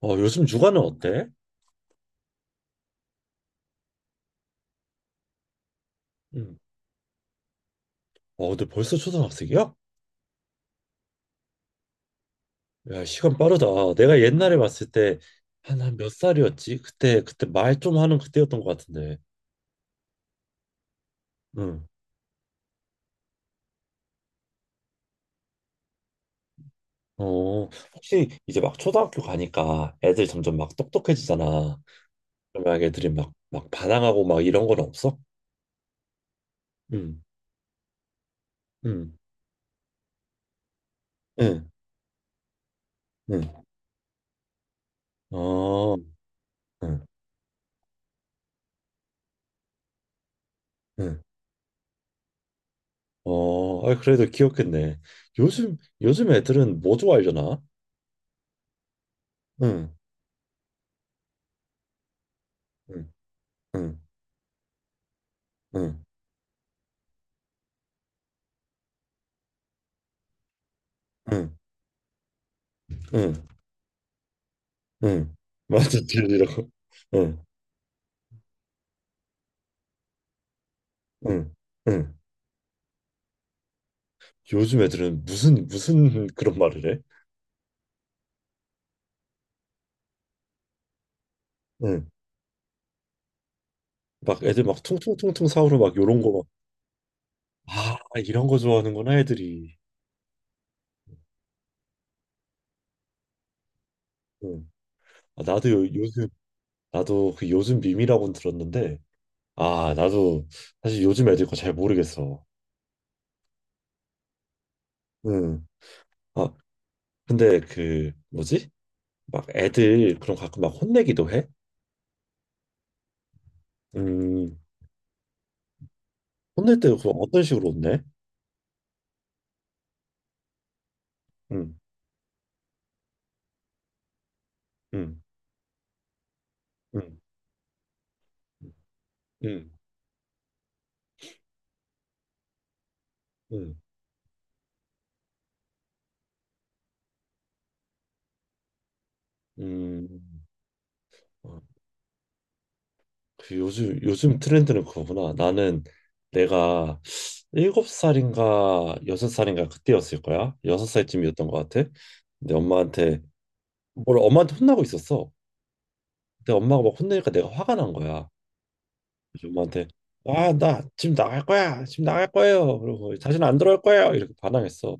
요즘 육아는 어때? 응. 근데 벌써 초등학생이야? 야, 시간 빠르다. 내가 옛날에 봤을 때, 한 몇 살이었지? 그때 말 좀 하는 그때였던 것 같은데. 응. 어, 혹시 이제 막 초등학교 가니까 애들 점점 막 똑똑해지잖아. 그러면 애들이 막 반항하고 막 이런 건 없어? 응, 응, 응, 응. 어, 응, 응. 어, 아, 그래도 귀엽겠네. 요즘 애들은 뭐 좋아하려나? 응, 응, 응, 응. 응. 응, 응. 맞아, 들리라고. 응, 응, 응. 요즘 애들은 무슨 그런 말을 해? 응. 막 애들 막 퉁퉁퉁통 사오로 막 요런 거 막. 아, 이런 거 좋아하는구나 애들이. 응. 아, 나도 요즘 나도 그 요즘 밈이라고는 들었는데 아, 나도 사실 요즘 애들 거 잘 모르겠어. 응. 아, 근데 그 뭐지? 막 애들 그럼 가끔 막 혼내기도 해? 음. 혼낼 때그 어떤 식으로 혼내? 응, 응, 응. 응. 응. 음, 음, 어, 그 요즘 트렌드는 그거구나. 나는 내가 일곱 살인가 여섯 살인가 그때였을 거야. 여섯 살쯤이었던 것 같아. 근데 엄마한테 뭘 엄마한테 혼나고 있었어. 근데 엄마가 막 혼내니까 내가 화가 난 거야. 그래서 엄마한테 아, 나 지금 나갈 거야. 지금 나갈 거예요. 그러고 다시는 안 들어올 거예요. 이렇게 반항했어.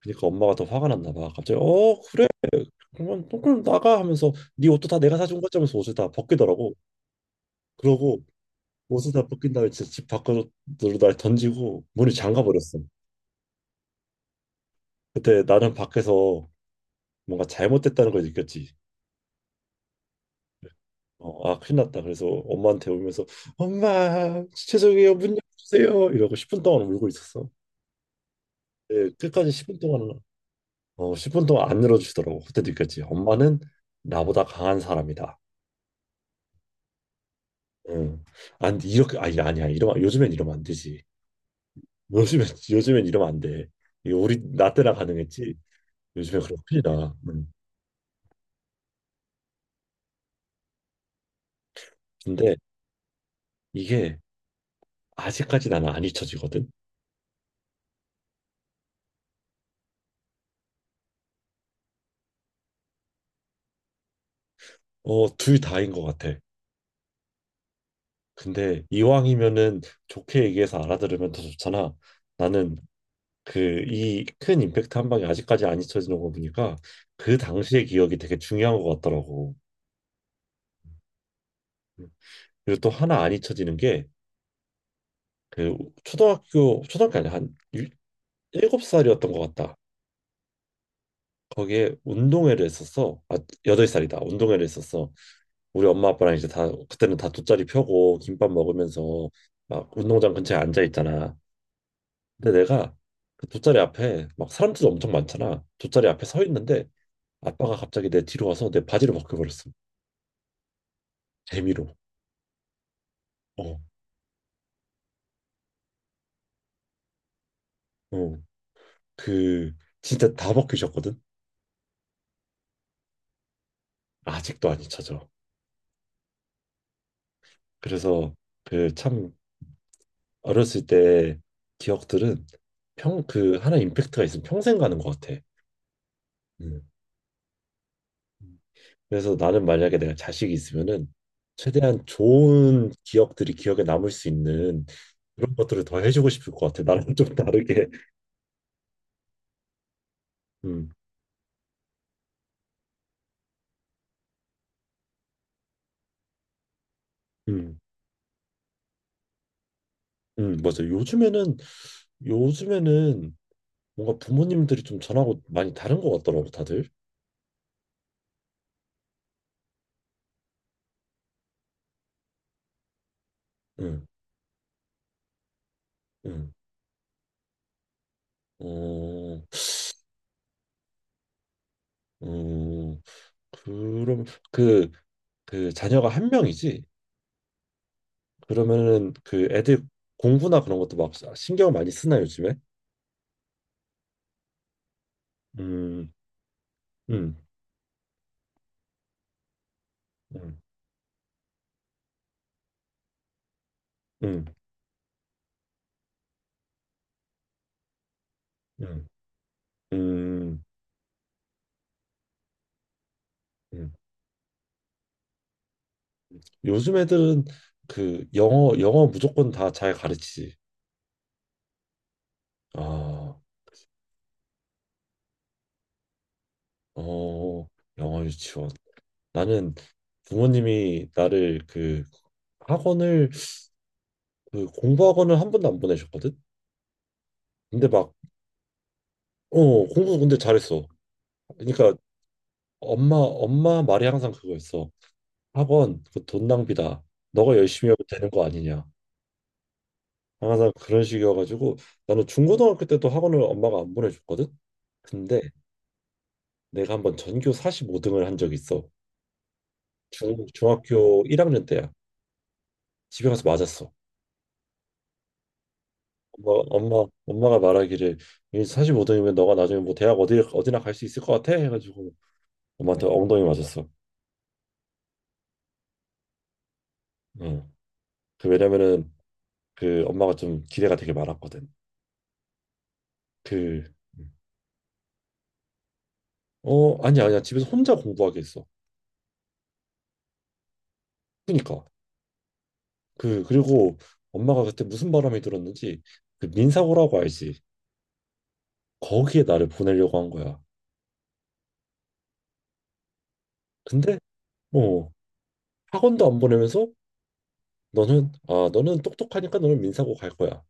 그러니까 엄마가 더 화가 났나 봐. 갑자기 어 그래 그러면 또 그럼 나가 하면서 네 옷도 다 내가 사준 거지 하면서 옷을 다 벗기더라고. 그러고 옷을 다 벗긴 다음에 진짜 집 밖으로 날 던지고 문을 잠가 버렸어. 그때 나는 밖에서 뭔가 잘못됐다는 걸 느꼈지. 어, 아 큰일 났다. 그래서 엄마한테 울면서 엄마 죄송해요 문 열어주세요 이러고 10분 동안 울고 있었어. 예, 끝까지 10분 동안어 10분 동안 안 열어주시더라고. 그때 느꼈지. 엄마는 나보다 강한 사람이다. 응. 안 이렇게 아니 아니야 이러면 요즘엔 이러면 안 되지. 요즘엔 요즘엔 이러면 안 돼. 이거 우리 나 때나 가능했지. 요즘에 그렇게 큰일 나. 응. 근데 이게 아직까지 나는 안 잊혀지거든. 어, 둘 다인 것 같아. 근데 이왕이면은 좋게 얘기해서 알아들으면 더 좋잖아. 나는 그 이 큰 임팩트 한 방이 아직까지 안 잊혀지는 거 보니까 그 당시의 기억이 되게 중요한 것 같더라고. 음. 그리고 또 하나 안 잊혀지는 게 그 초등학교 아니야 일곱 살이었던 것 같다. 거기에 운동회를 했었어. 아 여덟 살이다. 운동회를 했었어. 우리 엄마 아빠랑 이제 다 그때는 다 돗자리 펴고 김밥 먹으면서 막 운동장 근처에 앉아 있잖아. 근데 내가 그 돗자리 앞에 막 사람들도 엄청 많잖아. 돗자리 앞에 서 있는데 아빠가 갑자기 내 뒤로 와서 내 바지를 벗겨버렸어. 재미로. 어, 어. 그 진짜 다 벗기셨거든. 아직도 안 잊혀져. 그래서 그 참 어렸을 때 기억들은 평 그 하나 임팩트가 있으면 평생 가는 것 같아. 음. 그래서 나는 만약에 내가 자식이 있으면은 최대한 좋은 기억들이 기억에 남을 수 있는 그런 것들을 더 해주고 싶을 것 같아. 나랑 좀 다르게. 음, 음, 맞아. 요즘에는 뭔가 부모님들이 좀 전하고 많이 다른 것 같더라고 다들. 음, 음, 어, 음, 그럼 그 그 자녀가 한 명이지? 그러면은 그 애들 공부나 그런 것도 막 신경 많이 쓰나 요즘에? 음, 음, 음. 음. 음, 음, 음. 요즘 애들은 그 영어 무조건 다 잘 가르치지. 아, 어, 영어 유치원. 나는 부모님이 나를 그 학원을 그 공부 학원을 1번도 안 보내셨거든. 근데 막 어, 공부 근데 잘했어. 그러니까 엄마 말이 항상 그거였어. 학원 그 돈 낭비다. 너가 열심히 하면 되는 거 아니냐. 항상 그런 식이어가지고 나는 중고등학교 때도 학원을 엄마가 안 보내줬거든. 근데 내가 한번 전교 45등을 한 적이 있어. 중학교 1학년 때야. 집에 가서 맞았어. 엄마, 엄마가 말하기를 45등이면 너가 나중에 뭐 대학 어디나 갈 수 있을 것 같아? 해가지고 엄마한테 엉덩이 맞았어. 응. 그 왜냐면은 그 엄마가 좀 기대가 되게 많았거든. 그, 어, 아니야. 집에서 혼자 공부하게 했어. 그니까. 그리고 엄마가 그때 무슨 바람이 들었는지 그 민사고라고 알지? 거기에 나를 보내려고 한 거야. 근데, 어, 학원도 안 보내면서 너는 아 너는 똑똑하니까 너는 민사고 갈 거야.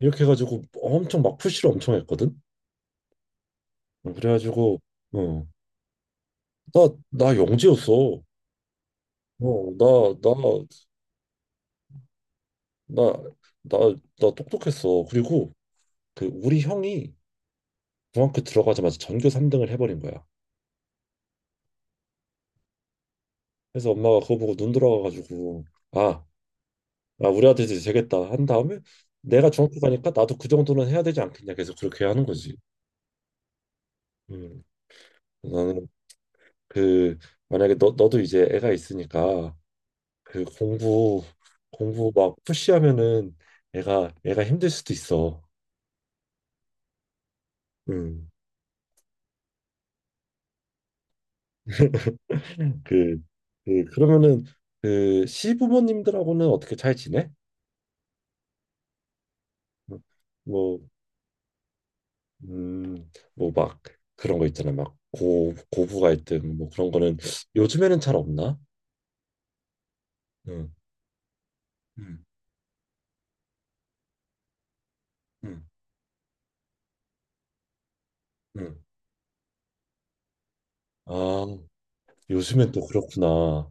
이렇게 해가지고 엄청 막 푸시를 엄청 했거든. 어, 그래가지고 어, 나나 영재였어. 어, 나 나 나 나 똑똑했어. 그리고 그 우리 형이 중학교 들어가자마자 전교 3등을 해버린 거야. 그래서 엄마가 그거 보고 눈 돌아가가지고 아, 아 우리 아들 이제 되겠다 한 다음에 내가 중학교 가니까 나도 그 정도는 해야 되지 않겠냐 계속 그렇게 하는 거지. 음, 나는 그 만약에 너 너도 이제 애가 있으니까 그 공부 막 푸시하면은 애가 힘들 수도 있어. 음. 그, 그러면은 그 시부모님들하고는 어떻게 잘 지내? 뭐, 음, 뭐 막 그런 거 있잖아. 막 고부 갈등 뭐 그런 거는 요즘에는 잘 없나? 응, 응, 응, 응. 아, 요즘엔 또 그렇구나.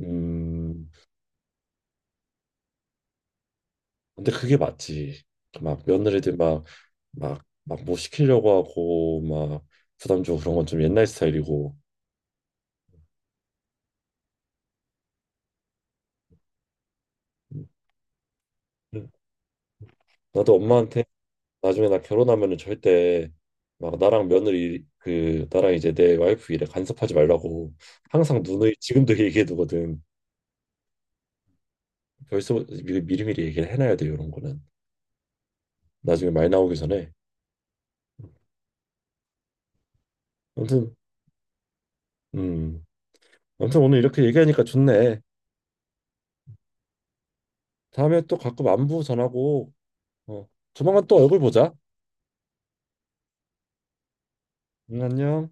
음, 근데 그게 맞지. 막 며느리들 막 뭐 시키려고 하고 막 부담 주고 그런 건 좀 옛날 스타일이고. 음. 나도 엄마한테 나중에 나 결혼하면은 절대 막 나랑 며느리 그 나랑 이제 내 와이프 일에 간섭하지 말라고 항상 누누이 지금도 얘기해 두거든. 벌써 미리미리 얘기를 해놔야 돼 이런 거는 나중에 말 나오기 전에. 아무튼 음 아무튼 오늘 이렇게 얘기하니까 좋네. 다음에 또 가끔 안부 전하고 어 조만간 또 얼굴 보자. 응, 안녕.